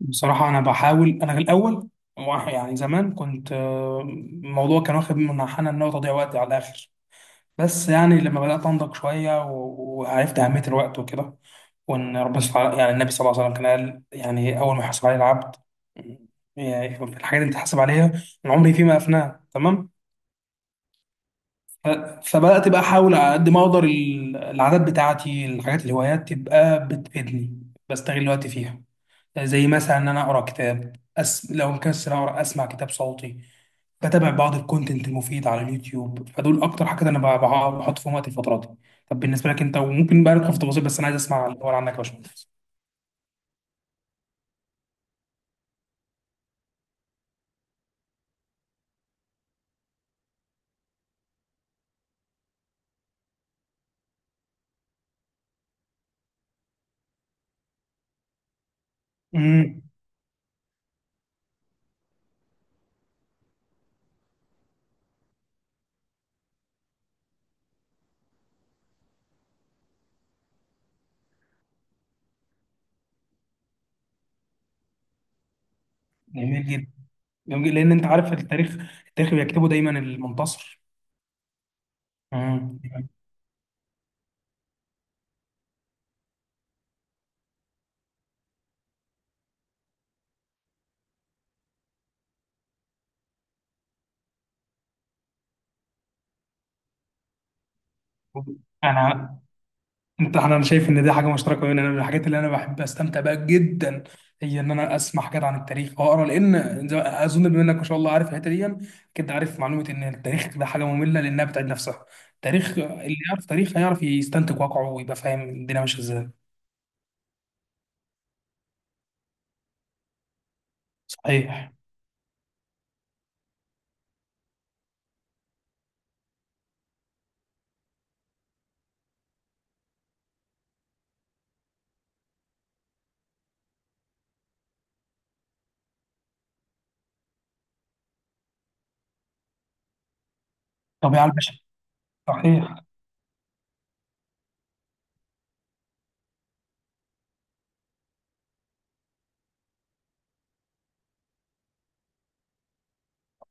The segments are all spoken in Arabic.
بصراحة أنا بحاول. أنا في الأول واحد- يعني زمان كنت الموضوع كان واخد من حنا إن هو تضييع وقت على الآخر. بس يعني لما بدأت أنضج شوية وعرفت أهمية الوقت وكده، وإن يعني النبي صلى الله عليه وسلم كان قال يعني أول ما يحاسب عليه العبد يعني في الحاجات اللي بتحاسب عليها من عمري فيما أفناه. تمام. ف- فبدأت بقى أحاول على قد ما أقدر العادات بتاعتي الحاجات الهوايات تبقى بتفيدني، بستغل الوقت فيها. زي مثلا ان انا اقرا كتاب لو مكسل اقرا اسمع كتاب صوتي. بتابع بعض الكونتنت المفيد على اليوتيوب، فدول اكتر حاجه انا بحط فيهم وقت الفتره دي. طب بالنسبه لك انت، وممكن بقى ندخل في تفاصيل بس انا عايز اسمع الاول عنك يا باشمهندس. امم جميل جدا. جميل جداً، لان انت عارف التاريخ. التاريخ بيكتبه دايما المنتصر. امم انا انت انا أنا شايف ان دي حاجه مشتركه بيننا. انا من الحاجات اللي انا بحب استمتع بيها جدا هي ان انا اسمع حاجات عن التاريخ واقرا، اظن بما انك ما شاء الله عارف الحته دي، كنت عارف معلومه ان التاريخ ده حاجه ممله لانها بتعيد نفسها. التاريخ، اللي يعرف تاريخ هيعرف يستنتج واقعه ويبقى فاهم الدنيا ماشيه ازاي. صحيح. طب يا عم باشا، صحيح.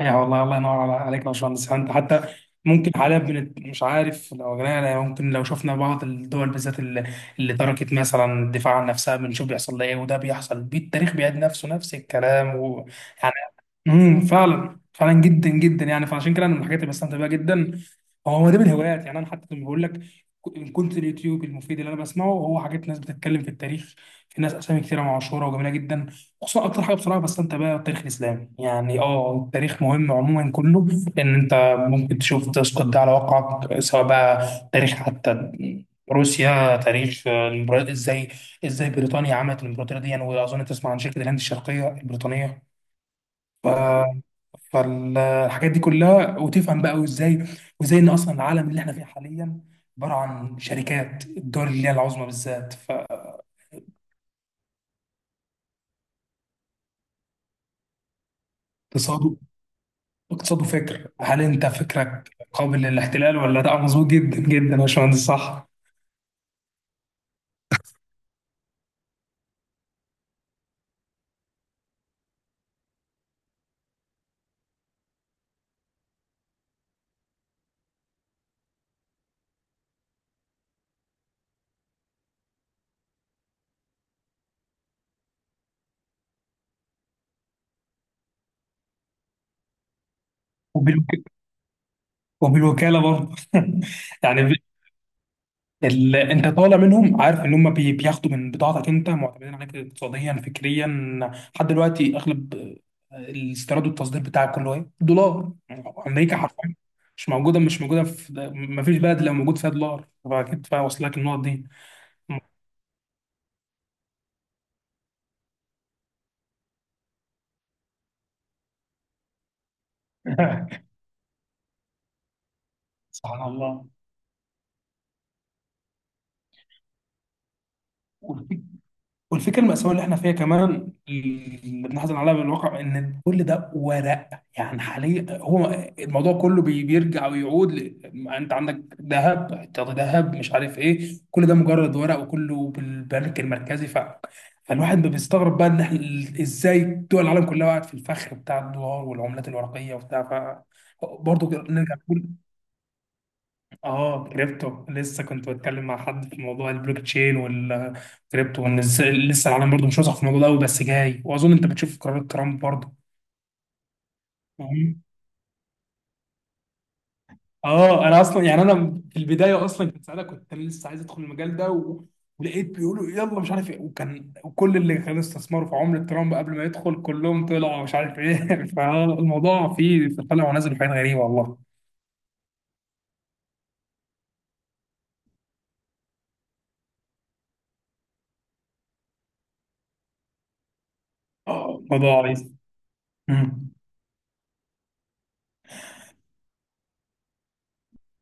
يا والله، الله ينور عليك يا باشمهندس. انت حتى ممكن حاليا بنت مش عارف لو جينا ممكن لو شفنا بعض الدول بالذات اللي تركت مثلا الدفاع عن نفسها، بنشوف بيحصل لها ايه. وده بيحصل بيه، التاريخ بيعيد نفسه، نفس الكلام. ويعني فعلا فعلا جدا جدا يعني. فعشان كده انا من الحاجات اللي بستمتع بيها جدا هو ده من الهوايات. يعني انا حتى لما بقول لك، إن كنت اليوتيوب المفيد اللي انا بسمعه هو حاجات ناس بتتكلم في التاريخ. في ناس اسامي كتيره، معاشره وجميله جدا. خصوصا اكتر حاجه بصراحه بستمتع بيها التاريخ الاسلامي. يعني اه التاريخ مهم عموما كله، لان انت ممكن تشوف تسقط ده على واقعك، سواء بقى تاريخ حتى روسيا، تاريخ ازاي ازاي بريطانيا عملت الامبراطوريه دي يعني. واظن تسمع عن شركه الهند الشرقيه البريطانيه. فالحاجات دي كلها، وتفهم بقى وازاي، وازاي ان اصلا العالم اللي احنا فيه حاليا عباره عن شركات الدول اللي هي العظمى بالذات. فاقتصاده فكر، هل انت فكرك قابل للاحتلال ولا لا؟ مظبوط جدا جدا يا باشمهندس، صح. وبالوك... وبالوكاله برضه يعني انت طالع منهم عارف ان هم بياخدوا من بضاعتك، انت معتمدين عليك اقتصاديا فكريا لحد دلوقتي. اغلب الاستيراد والتصدير بتاعك كله ايه؟ دولار. امريكا حرفيا. مش موجوده مش موجوده في ما فيش بلد لو موجود فيها دولار فاكيد واصل لك النقط دي. سبحان الله. والفكره المأساوية اللي احنا فيها كمان اللي بنحزن عليها بالواقع، ان كل ده ورق. يعني حاليا هو الموضوع كله بيرجع ويعود انت عندك ذهب احتياطي، ذهب مش عارف ايه، كل ده مجرد ورق وكله بالبنك المركزي. فالواحد ما بيستغرب بقى ان احنا ازاي دول العالم كلها وقعت في الفخ بتاع الدولار والعملات الورقيه وبتاع. ف برضه نرجع، اه كريبتو. لسه كنت بتكلم مع حد في موضوع البلوك تشين والكريبتو، وان لسه العالم برضه مش واثق في الموضوع ده قوي، بس جاي. واظن انت بتشوف قرارات ترامب برضه. فاهم؟ اه انا اصلا يعني، انا في البدايه اصلا كنت، ساعتها كنت انا لسه عايز ادخل المجال ده ولقيت بيقولوا يلا مش عارف ايه. وكان وكل اللي كانوا استثمروا في عمله ترامب قبل ما يدخل، كلهم طلعوا مش عارف ايه. فالموضوع فيه طلع ونزل، حاجات غريبه والله. اه الموضوع عايز،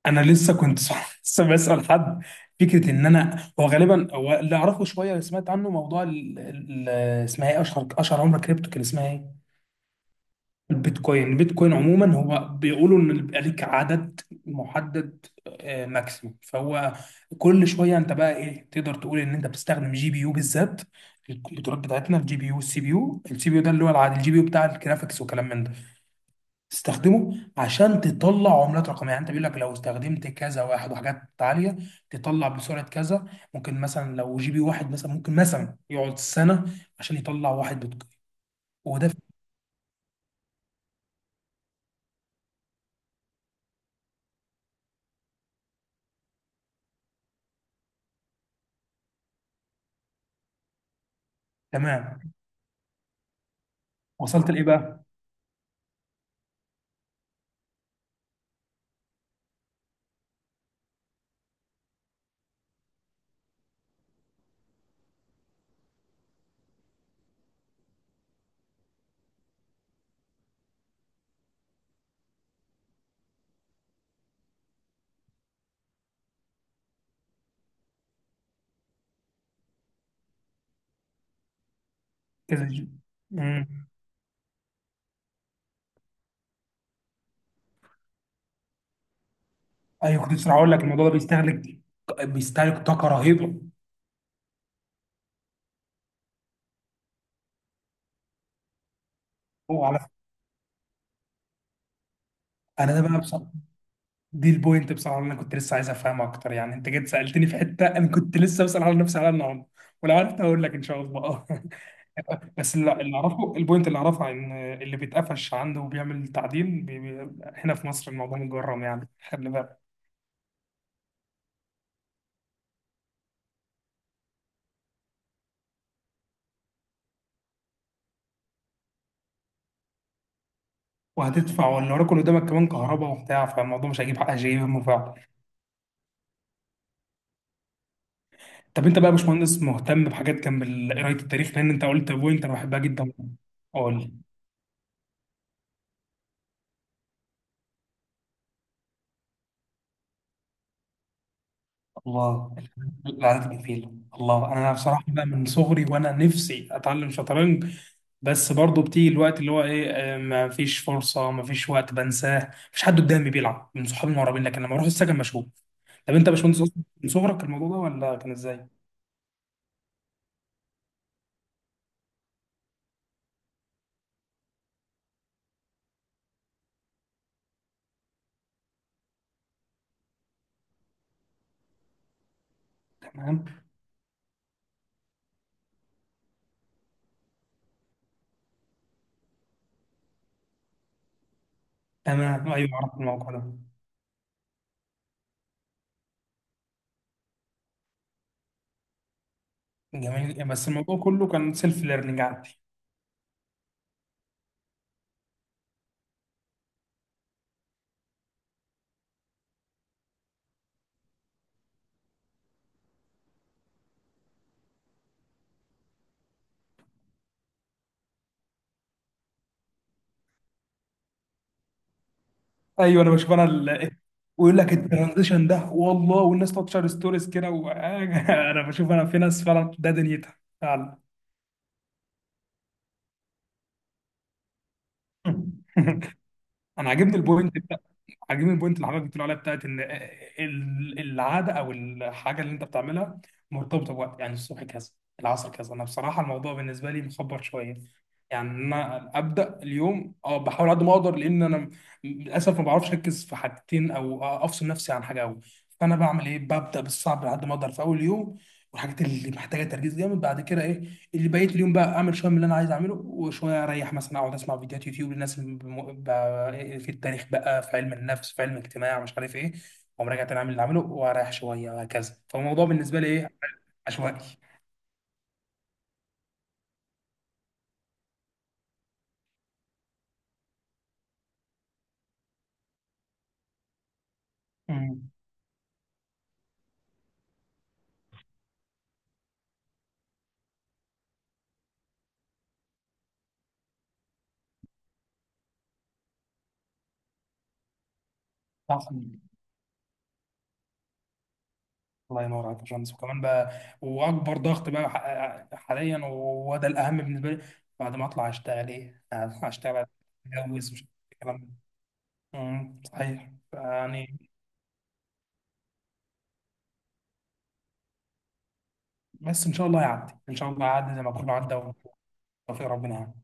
انا لسه كنت لسه بسال حد. فكره ان انا هو غالبا هو اللي اعرفه شويه، اللي سمعت عنه موضوع اسمها ايه، اشهر عمله كريبتو كان اسمها ايه، البيتكوين. البيتكوين عموما هو بيقولوا ان بيبقى ليك عدد محدد، ماكسيموم. فهو كل شويه انت بقى ايه، تقدر تقول ان انت بتستخدم جي بي يو بالذات. الكمبيوترات بتاعتنا، الجي بي يو والسي بي يو، السي بي يو ده اللي هو العادي، الجي بي يو بتاع الجرافيكس وكلام من ده، تستخدمه عشان تطلع عملات رقميه. يعني انت بيقول لك لو استخدمت كذا واحد وحاجات عاليه تطلع بسرعه كذا. ممكن مثلا لو جي بي واحد مثلا ممكن مثلا يقعد سنه عشان يطلع واحد بتقييم. وده في- تمام، وصلت لايه بقى؟ كذا جي. مم. ايوه كنت بصراحه اقول لك، الموضوع ده بيستهلك، بيستهلك طاقه رهيبه. وعلى، انا ده بقى بصراحه دي البوينت بصراحه اللي انا كنت لسه عايز افهمها اكتر. يعني انت جيت سالتني في حته انا كنت لسه بسال على نفسي على النهارده، ولو عرفت هقول لك ان شاء الله. بس اللي اعرفه، البوينت اللي اعرفها ان اللي بيتقفش عنده وبيعمل تعديل بي بي هنا في مصر الموضوع مجرم، يعني خلي بالك. وهتدفع، واللي وراك اللي قدامك كمان كهرباء وبتاع، فالموضوع مش هيجيب حق شيء. هم فعلا. طب انت بقى يا باشمهندس مهتم بحاجات جنب قرايه التاريخ، لان انت قلت بوينت انا بحبها جدا، قول. الله، العادات الكفيلة، الله. أنا بصراحة بقى من صغري وأنا نفسي أتعلم شطرنج، بس برضه بتيجي الوقت اللي هو إيه، ما فيش فرصة، ما فيش وقت، بنساه. مفيش حد قدامي بيلعب من صحابي المقربين، لكن لما أروح السكن مشغول. طب أنت يا باشمهندس أصلاً من صغرك الموضوع ده ولا كان إزاي؟ تمام. تمام أيوه أعرف الموضوع ده. جميل، بس الموضوع كله كان سيلف ليرنينج عندي. ايوه انا بشوف انا ويقول لك الترانزيشن ده والله، والناس تقعد تشير ستوريز كده انا بشوف انا في ناس فعلا ده دنيتها فعلا. انا عاجبني البوينت. عاجبني البوينت اللي حضرتك بتقول عليها بتاعت ان العاده او الحاجه اللي انت بتعملها مرتبطه بوقت، يعني الصبح كذا، العصر كذا. انا بصراحه الموضوع بالنسبه لي مخبر شويه. يعني انا ابدا اليوم اه بحاول قد ما اقدر، لان انا للاسف ما بعرفش اركز في حاجتين او افصل نفسي عن حاجه قوي. فانا بعمل ايه، ببدا بالصعب على قد ما اقدر في اول يوم، والحاجات اللي محتاجه تركيز جامد. بعد كده إيه؟ اللي بقيت اليوم بقى اعمل شويه من اللي انا عايز اعمله وشويه اريح، مثلا اقعد اسمع فيديوهات يوتيوب للناس اللي في التاريخ بقى، في علم النفس، في علم الاجتماع، مش عارف ايه. واقوم راجع تاني اعمل اللي عامله واريح شويه، وهكذا. فالموضوع بالنسبه لي ايه، عشوائي. امم صح. الله ينور عليك يا باشمهندس. وكمان بقى، واكبر ضغط بقى حاليا وده الاهم بالنسبه لي، بعد ما اطلع اشتغل ايه، هشتغل، اتجوز، مش الكلام ده. صحيح يعني. بس ان شاء الله يعدي، ان شاء الله يعدي زي ما كله عدى، وتوفيق ربنا يعني.